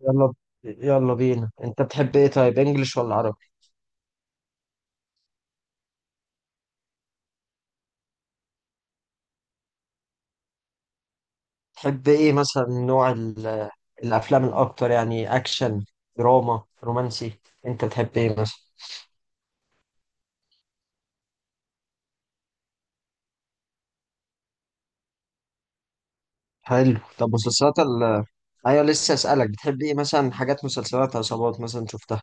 يلا ب- يلا بينا، انت بتحب ايه؟ طيب، انجلش ولا عربي؟ تحب ايه مثلا، نوع الافلام الاكتر؟ يعني اكشن، دراما، رومانسي؟ انت بتحب ايه مثلا؟ حلو. طب مسلسلات ايوه لسه اسالك، بتحب ايه مثلا؟ حاجات مسلسلات عصابات مثلا شفتها؟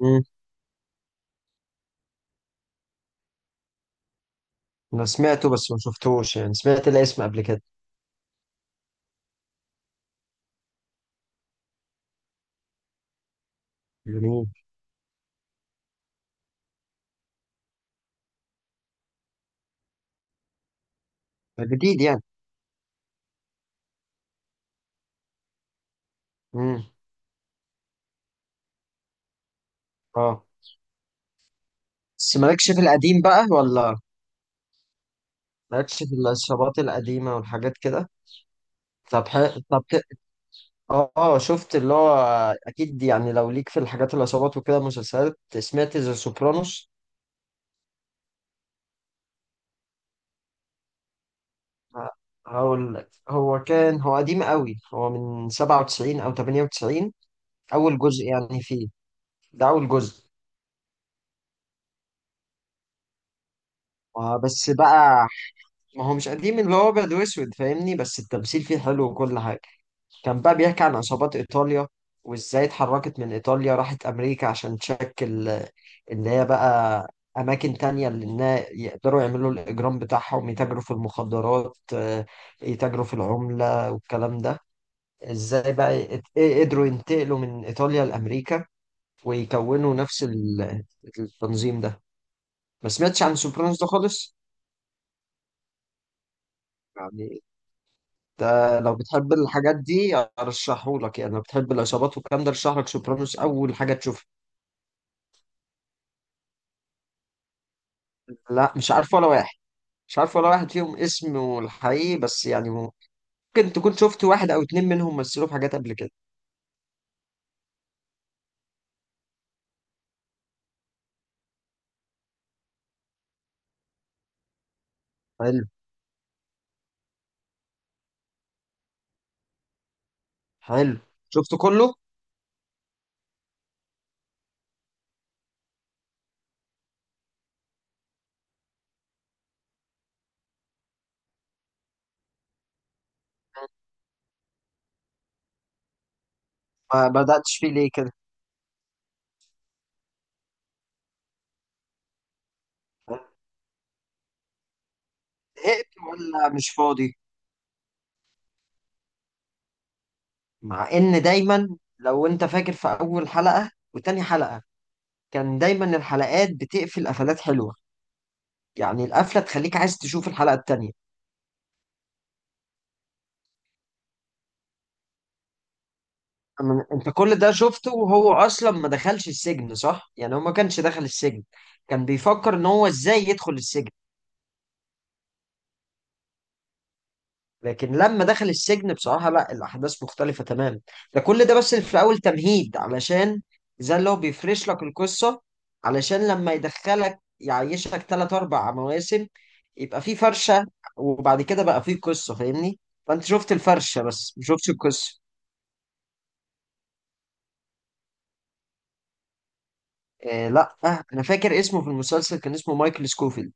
امم انا سمعته بس ما شفتوش، يعني سمعت الاسم قبل كده. جميل، ده جديد يعني. امم اه. بس مالكش في القديم بقى ولا؟ مالكش في العصابات القديمه والحاجات كده؟ طب حلو، طب اه، شفت اللي هو، اكيد يعني لو ليك في الحاجات العصابات وكده مسلسلات، سمعت ذا سوبرانوس؟ ه- هقول لك، هو كان، هو قديم قوي، هو من 97 او 98 اول جزء يعني فيه، ده اول جزء. بس بقى، ما هو مش قديم اللي هو ابيض واسود، فاهمني؟ بس التمثيل فيه حلو وكل حاجه. كان بقى بيحكي عن عصابات ايطاليا، وازاي اتحركت من ايطاليا راحت امريكا عشان تشكل اللي هي بقى اماكن تانية، اللي يقدروا يعملوا الاجرام بتاعهم، يتاجروا في المخدرات، يتاجروا في العمله والكلام ده. ازاي بقى قدروا ينتقلوا من ايطاليا لامريكا، ويكونوا نفس التنظيم ده. ما سمعتش عن سوبرانوس ده خالص؟ يعني ده لو بتحب الحاجات دي ارشحهولك، يعني لو بتحب العصابات والكلام ده ارشحلك سوبرانوس اول حاجه تشوفها. لا مش عارف ولا واحد، مش عارف ولا واحد فيهم اسمه الحقيقي، بس يعني ممكن تكون شفت واحد او اتنين منهم مثلوا في حاجات قبل كده. حلو، حلو. شفت كله؟ ما بدأتش فيه ليه كده؟ زهقت ولا مش فاضي؟ مع ان دايما، لو انت فاكر في اول حلقة وتاني حلقة، كان دايما الحلقات بتقفل قفلات حلوة، يعني القفلة تخليك عايز تشوف الحلقة التانية. انت كل ده شفته وهو اصلا ما دخلش السجن صح؟ يعني هو ما كانش دخل السجن، كان بيفكر ان هو ازاي يدخل السجن. لكن لما دخل السجن بصراحة لا، الاحداث مختلفة تماما. ده كل ده بس في اول تمهيد، علشان زي اللي هو بيفرش لك القصة، علشان لما يدخلك يعيشك ثلاث اربع مواسم يبقى في فرشة، وبعد كده بقى في قصة، فاهمني؟ فانت شفت الفرشة بس ما شفتش القصة. إيه لا آه، انا فاكر اسمه، في المسلسل كان اسمه مايكل سكوفيلد،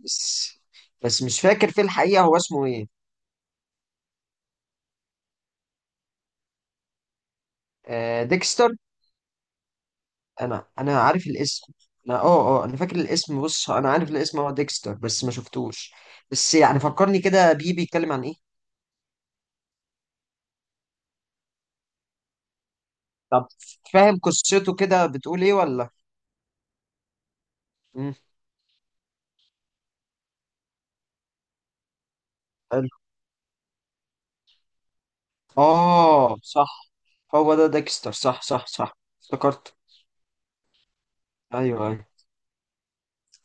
بس. بس مش فاكر في الحقيقة هو اسمه ايه. آه ديكستر، انا عارف الاسم، انا اه اه انا فاكر الاسم. بص، انا عارف الاسم هو ديكستر، بس ما شفتوش. بس يعني فكرني كده بيه، بيتكلم عن ايه؟ طب فاهم قصته كده، بتقول ايه ولا؟ مم. حلو. اه صح، هو ده ديكستر، صح صح صح، افتكرت. ايوه أيوه.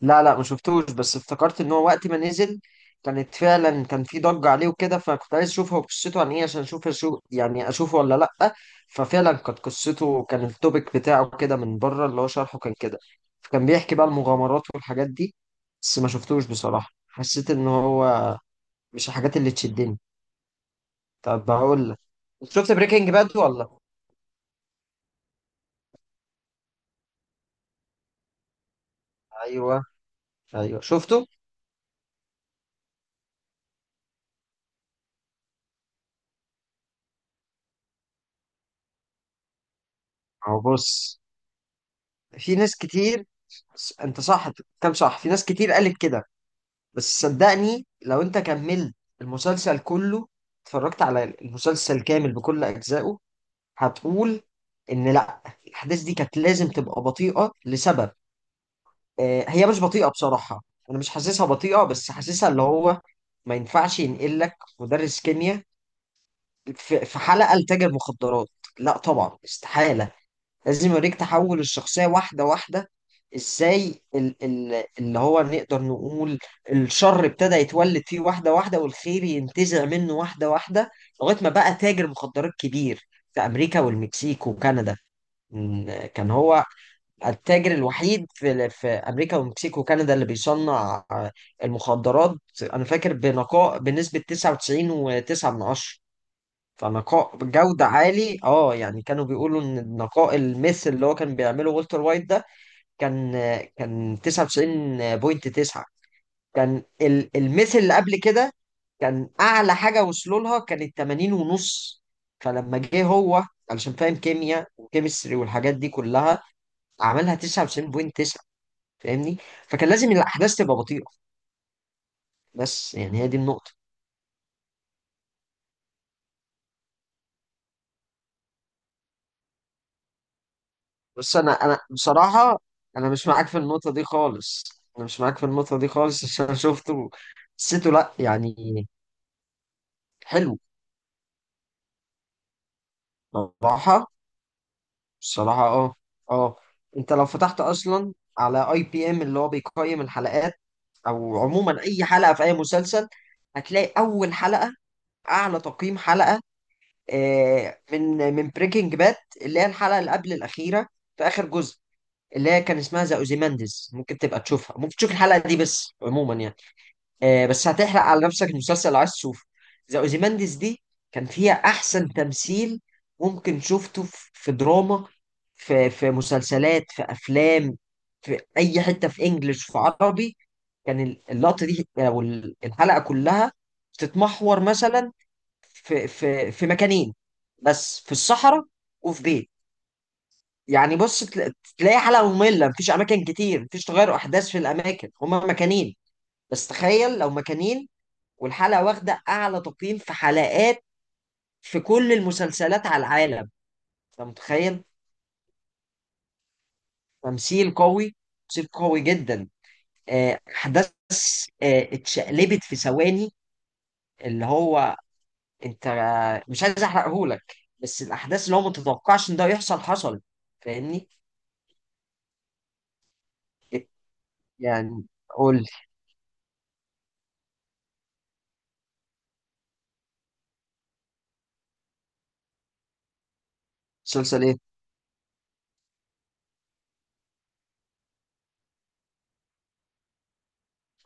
لا لا ما شفتوش، بس افتكرت ان هو وقت ما نزل كانت فعلا كان في ضجة عليه وكده، فكنت عايز اشوف هو قصته عن ايه، عشان اشوف شو يعني، اشوفه ولا لا. ففعلا كانت قصته، كان التوبيك بتاعه كده من بره، اللي هو شرحه كان كده، فكان بيحكي بقى المغامرات والحاجات دي. بس ما شفتوش بصراحة، حسيت ان هو مش الحاجات اللي تشدني. طب بقول لك، شفت بريكنج باد ولا؟ ايوه ايوه شفته. اهو بص، في ناس كتير، انت صح، كم صح، في ناس كتير قالت كده، بس صدقني لو انت كملت المسلسل كله، اتفرجت على المسلسل كامل بكل اجزائه، هتقول ان لا، الاحداث دي كانت لازم تبقى بطيئة لسبب. هي مش بطيئة بصراحة، انا مش حاسسها بطيئة، بس حاسسها اللي هو ما ينفعش ينقل لك مدرس كيمياء في حلقة لتاجر مخدرات، لا طبعا، استحالة. لازم يوريك تحول الشخصية واحدة واحدة، ازاي ال اللي هو نقدر نقول الشر ابتدى يتولد فيه واحدة واحدة، والخير ينتزع منه واحدة واحدة، لغاية ما بقى تاجر مخدرات كبير في أمريكا والمكسيك وكندا. كان هو التاجر الوحيد في أمريكا والمكسيك وكندا اللي بيصنع، المخدرات. أنا فاكر بنقاء بنسبة 99.9، فنقاء بجودة عالي اه، يعني كانوا بيقولوا ان نقاء المس اللي هو كان بيعمله والتر وايت ده كان، 99.9. كان المس اللي قبل كده كان اعلى حاجة وصلوا لها كانت 80 ونص، فلما جه هو علشان فاهم كيمياء وكيمستري والحاجات دي كلها، عملها 99.9، فاهمني؟ فكان لازم الاحداث تبقى بطيئة، بس يعني هي دي النقطة. بص انا بصراحه، انا مش معاك في النقطه دي خالص، انا مش معاك في النقطه دي خالص، عشان أنا شفته، حسيته لا يعني. حلو بصراحه، بصراحه اه، اه. انت لو فتحت اصلا على اي بي ام اللي هو بيقيم الحلقات، او عموما اي حلقه في اي مسلسل، هتلاقي اول حلقه، اعلى تقييم حلقه، من بريكنج باد، اللي هي الحلقه اللي قبل الاخيره في اخر جزء، اللي هي كان اسمها ذا اوزيمانديز. ممكن تبقى تشوفها، ممكن تشوف الحلقه دي، بس عموما يعني، بس هتحرق على نفسك المسلسل لو عايز تشوفه. ذا اوزيمانديز دي كان فيها احسن تمثيل ممكن شفته، في في دراما، في في مسلسلات، في افلام، في اي حته، في انجلش، في عربي. كان اللقطه دي او الحلقه كلها بتتمحور مثلا، في في في مكانين بس، في الصحراء وفي بيت. يعني بص، تلاقي حلقه ممله، مفيش اماكن كتير، مفيش تغير احداث في الاماكن، هما مكانين بس، تخيل لو مكانين والحلقة واخدة أعلى تقييم في حلقات في كل المسلسلات على العالم، أنت متخيل؟ تمثيل قوي، تمثيل قوي جدا، أحداث اتشقلبت في ثواني، اللي هو أنت، مش عايز أحرقهولك، بس الأحداث اللي هو ما تتوقعش إن ده يحصل حصل، فاهمني؟ يعني قول لي، مسلسل إيه؟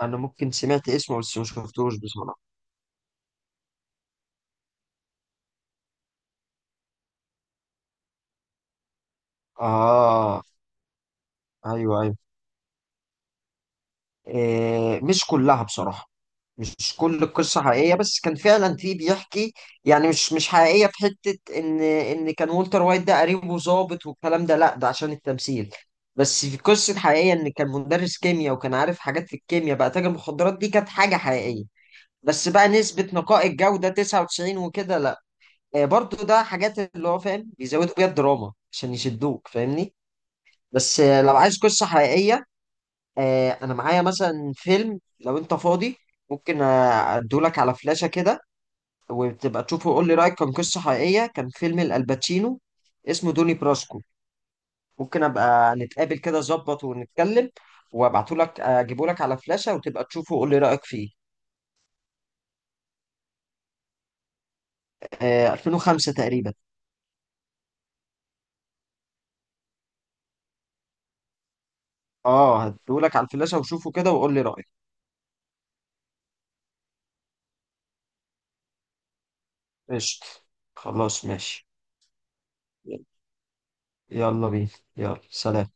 أنا ممكن سمعت اسمه بس ما شفتوش بصراحة. آه أيوه أيوه. مش كلها بصراحة، مش كل القصة حقيقية، بس كان فعلا في بيحكي، يعني مش مش حقيقية في حتة إن كان والتر وايت ده قريبه ظابط والكلام ده، لأ ده عشان التمثيل. بس في قصة حقيقية إن كان مدرس كيمياء، وكان عارف حاجات في الكيمياء بقى تاجر مخدرات، دي كانت حاجة حقيقية. بس بقى نسبة نقاء الجودة 99 وكده لأ، برضو ده حاجات اللي هو فاهم بيزودوا بيها الدراما عشان يشدوك، فاهمني؟ بس لو عايز قصة حقيقية، انا معايا مثلا فيلم، لو انت فاضي ممكن ادولك على فلاشة كده، وتبقى تشوفه وقول لي رأيك. كان قصة حقيقية، كان فيلم الباتشينو اسمه دوني براسكو. ممكن ابقى نتقابل كده ظبط ونتكلم، وابعتهولك اجيبهولك على فلاشة وتبقى تشوفه وقول لي رأيك فيه. 2005 تقريبا. اه هديهولك على الفلاشة، وشوفه كده وقول لي رأيك. قشطة، خلاص ماشي. يلا بينا، يلا سلام.